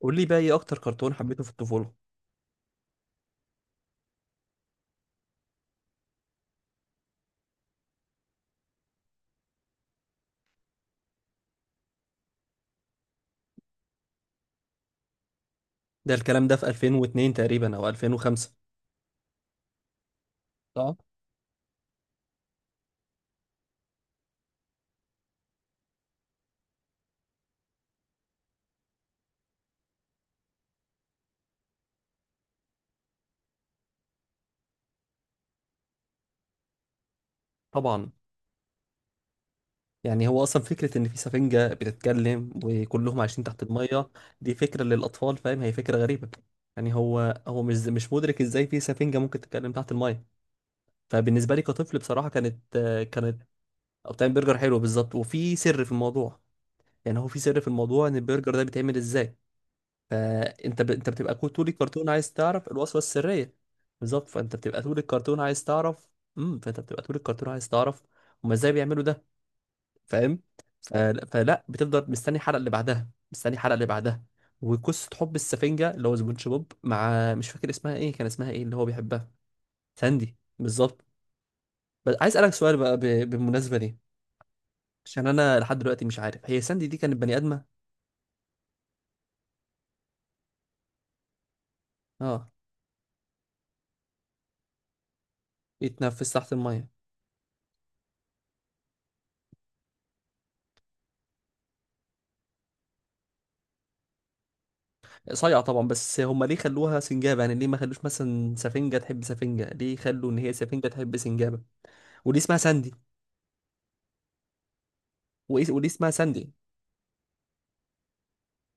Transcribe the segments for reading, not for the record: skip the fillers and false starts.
قول لي بقى ايه اكتر كرتون حبيته في الطفوله؟ ده الكلام ده في 2002 تقريبا او 2005. اه، طبعا. يعني هو اصلا فكره ان في سفنجه بتتكلم وكلهم عايشين تحت الميه. دي فكره للاطفال، فاهم؟ هي فكره غريبه. يعني هو مش مدرك ازاي في سفنجه ممكن تتكلم تحت الميه. فبالنسبه لي كطفل بصراحه كانت او بتعمل برجر حلو، بالظبط. وفي سر في الموضوع. يعني هو في سر في الموضوع ان البرجر ده بيتعمل ازاي. فانت انت بتبقى طول الكرتون عايز تعرف الوصفه السريه. بالظبط، فانت بتبقى طول الكرتون عايز تعرف. فانت بتبقى طول الكرتون عايز تعرف هما ازاي بيعملوا ده. فاهم؟ فلا بتفضل مستني الحلقه اللي بعدها، مستني الحلقه اللي بعدها. وقصه حب السفنجه اللي هو سبونج بوب مع، مش فاكر اسمها ايه، كان اسمها ايه اللي هو بيحبها؟ ساندي، بالظبط. بس عايز اسالك سؤال بقى بالمناسبه دي، عشان انا لحد دلوقتي مش عارف هي ساندي دي كانت بني ادمه؟ اه، بيتنفس تحت الميه. صايعة طبعا، بس هم ليه خلوها سنجابة؟ يعني ليه ما خلوش مثلا سفنجة تحب سفنجة، ليه خلوا ان هي سفنجة تحب سنجابة؟ وليه اسمها ساندي؟ وايه وليه اسمها ساندي؟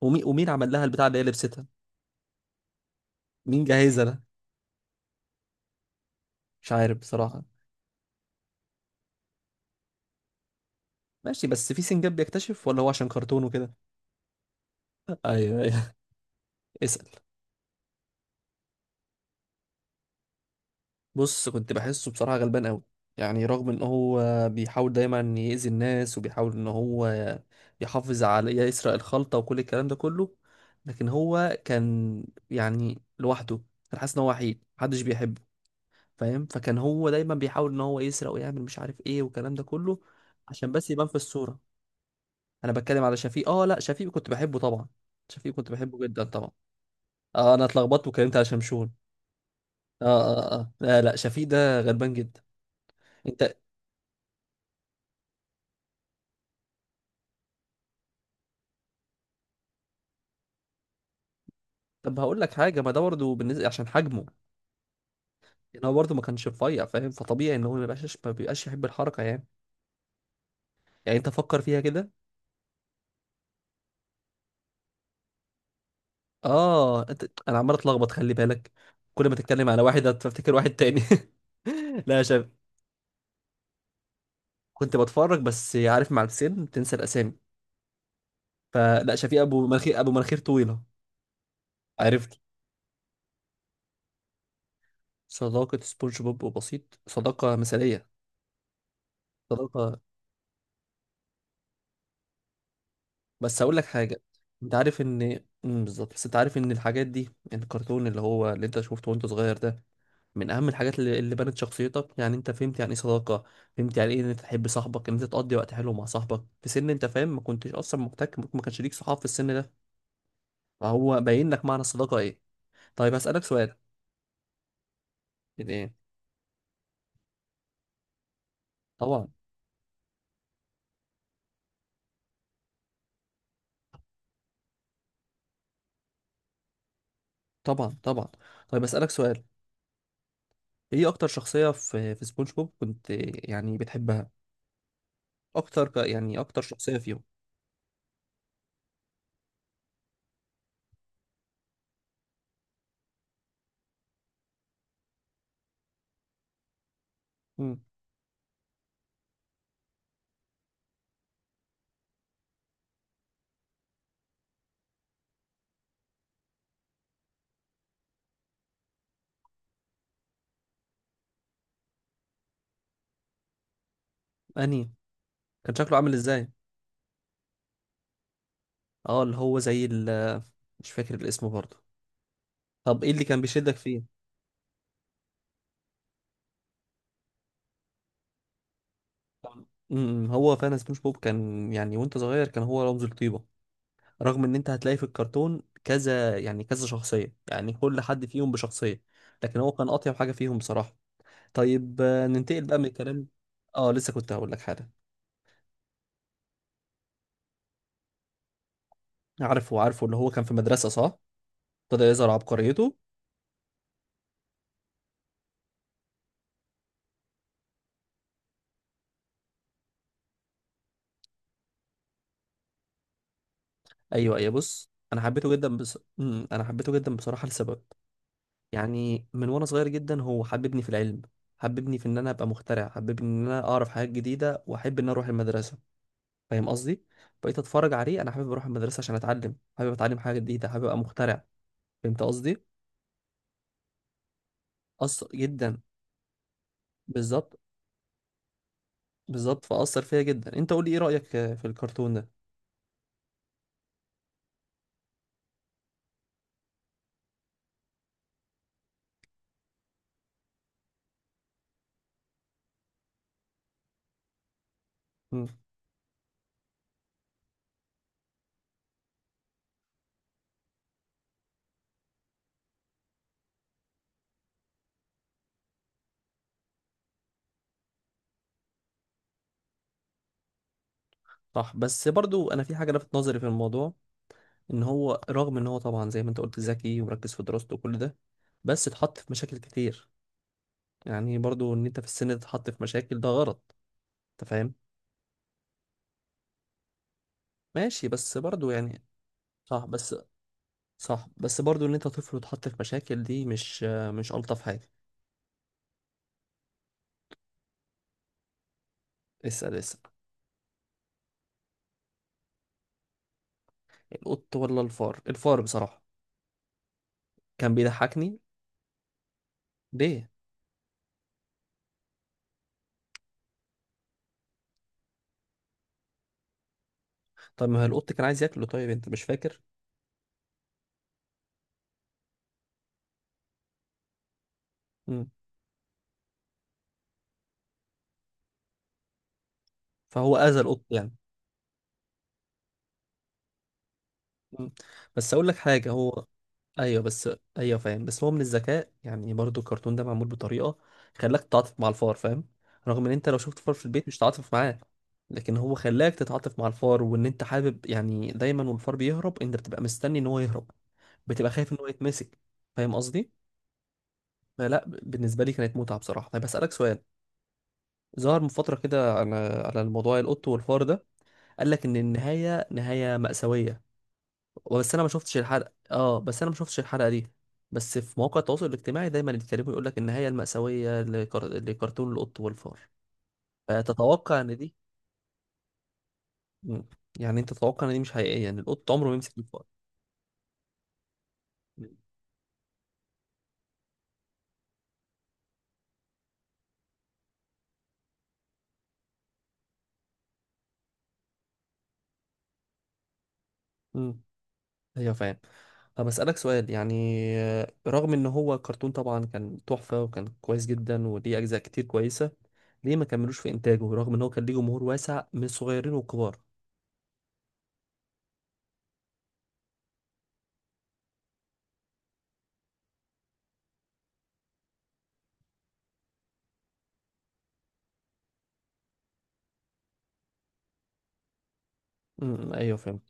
ومين عمل لها البتاع اللي هي لبستها؟ مين جهزها لها؟ مش عارف بصراحة. ماشي، بس في سنجاب بيكتشف؟ ولا هو عشان كرتون وكده؟ ايوه، ايوه. اسأل. بص، كنت بحسه بصراحة غلبان قوي. يعني رغم ان هو بيحاول دايما يأذي الناس، وبيحاول ان هو يحافظ على، يسرق الخلطة وكل الكلام ده كله، لكن هو كان يعني لوحده. كان حاسس ان هو وحيد محدش بيحبه، فاهم؟ فكان هو دايما بيحاول ان هو يسرق ويعمل مش عارف ايه والكلام ده كله عشان بس يبان في الصورة. انا بتكلم على شفيق. اه، لا، شفيق كنت بحبه طبعا. شفيق كنت بحبه جدا طبعا. اه، انا اتلخبطت وكلمت على شمشون. اه اه اه، لا لا، شفيق ده غلبان جدا. انت. طب هقول لك حاجه، ما ده برضه بالنسبه عشان حجمه. يعني هو برضه ما كانش رفيع، فاهم؟ فطبيعي ان هو ما بيبقاش يحب الحركه يعني. يعني انت فكر فيها كده. اه، انا عمال اتلخبط، خلي بالك. كل ما تتكلم على واحد هتفتكر واحد تاني. لا يا شباب. كنت بتفرج، بس عارف مع السن بتنسى الاسامي. فلا، شفيق ابو مناخير، ابو مناخير طويله. عرفت؟ صداقه سبونج بوب وبسيط صداقه مثاليه. صداقه. بس هقول لك حاجه. انت عارف ان بالظبط، بس انت عارف ان الحاجات دي الكرتون اللي هو اللي انت شفته وانت صغير ده من اهم الحاجات اللي بنت شخصيتك. يعني انت فهمت يعني ايه صداقه. فهمت يعني ايه ان انت تحب صاحبك، ان انت تقضي وقت حلو مع صاحبك في سن انت فاهم، ما كنتش اصلا محتاج، ما كانش ليك صحاب في السن ده. فهو باين لك معنى الصداقه ايه. طيب هسالك سؤال. يعني ايه؟ طبعا، طبعا، طبعا. طيب هسالك سؤال، ايه اكتر شخصيه في سبونج بوب كنت يعني بتحبها؟ اكتر يعني اكتر شخصيه فيهم؟ امم. انهي؟ كان شكله عامل ازاي؟ اه، اللي هو زي ال، مش فاكر الاسم برضه. طب ايه اللي كان بيشدك فيه؟ هو فعلا سبونج بوب كان يعني وانت صغير كان هو رمز الطيبة. رغم ان انت هتلاقي في الكرتون كذا، يعني كذا شخصية، يعني كل حد فيهم بشخصية، لكن هو كان اطيب حاجة فيهم بصراحة. طيب، ننتقل بقى من الكلام. اه، لسه كنت هقول لك حاجة. عارفه، عارفه، اللي هو كان في مدرسة، صح. ابتدى يظهر عبقريته. ايوه، ايوه. بص انا حبيته جدا بصراحة لسبب. يعني من وانا صغير جدا هو حببني في العلم. حببني في ان انا ابقى مخترع، حببني ان انا اعرف حاجات جديده، واحب ان أنا اروح المدرسه. فاهم قصدي؟ بقيت اتفرج عليه انا حابب اروح المدرسه عشان اتعلم، حابب اتعلم حاجه جديده، حابب ابقى مخترع. فهمت قصدي؟ اثر جدا. بالظبط. بالظبط، فاثر فيا جدا. انت قول لي ايه رايك في الكرتون ده. مم. صح، بس برضو انا في حاجه لفت نظري في الموضوع. ان هو رغم ان هو طبعا زي ما انت قلت ذكي ومركز في دراسته وكل ده، بس اتحط في مشاكل كتير. يعني برضو ان انت في السن ده تتحط في مشاكل ده غلط. انت فاهم؟ ماشي بس برضو يعني. صح بس صح بس برضو ان انت طفل وتحط في مشاكل دي مش، مش الطف حاجه. اسال اسال. القط ولا الفار؟ الفار بصراحه، كان بيضحكني. ليه؟ طب ما هو القط كان عايز ياكله، طيب انت مش فاكر. مم. فهو اذى القط يعني. مم. بس اقول لك حاجه، هو. ايوه بس. ايوه، فاهم. بس هو من الذكاء، يعني برضو الكرتون ده معمول بطريقه خلاك تتعاطف مع الفار، فاهم؟ رغم ان انت لو شفت فار في البيت مش هتتعاطف معاه، لكن هو خلاك تتعاطف مع الفار، وان انت حابب يعني دايما والفار بيهرب انت بتبقى مستني ان هو يهرب. بتبقى خايف ان هو يتمسك. فاهم قصدي؟ فلا، بالنسبه لي كانت متعه بصراحه. طيب اسالك سؤال. ظهر من فتره كده على الموضوع القط والفار ده، قال لك ان النهايه نهايه مأساويه. بس انا ما شفتش الحلقه دي، بس في مواقع التواصل الاجتماعي دايما يتكلموا يقول لك النهايه المأساويه لكرتون القط والفار. فتتوقع ان دي. مم. يعني انت تتوقع ان دي مش حقيقيه يعني القط عمره ما يمسك الفار. امم، ايوه، فاهم. طب أسألك سؤال يعني، رغم إن هو كرتون طبعا كان تحفة، وكان كويس جدا وليه أجزاء كتير كويسة، ليه ما كملوش في إنتاجه رغم إن هو كان ليه جمهور واسع من الصغيرين والكبار؟ امم، أيوه، فهمت.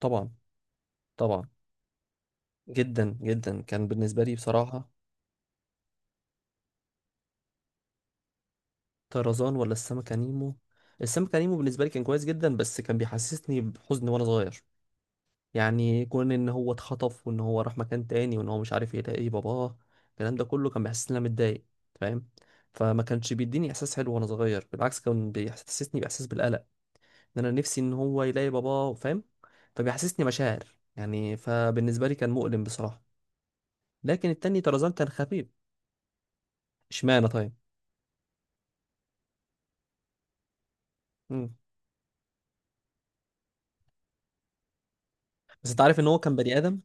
طبعا، طبعا. جدا جدا، كان بالنسبة لي بصراحة. طرزان ولا السمكة نيمو؟ السمكة نيمو بالنسبة لي كان كويس جدا، بس كان بيحسسني بحزن وانا صغير. يعني كون ان هو اتخطف، وان هو راح مكان تاني، وان هو مش عارف يلاقي باباه. الكلام ده كله كان بيحسسني ان انا متضايق، فاهم؟ فما كانش بيديني احساس حلو وانا صغير، بالعكس كان بيحسسني باحساس بالقلق. ان انا نفسي ان هو يلاقي باباه، فاهم؟ فبيحسسني مشاعر يعني. فبالنسبة لي كان مؤلم بصراحة، لكن التاني طرزان كان خفيف. اشمعنى طيب؟ مم. بس انت عارف ان هو كان بني ادم.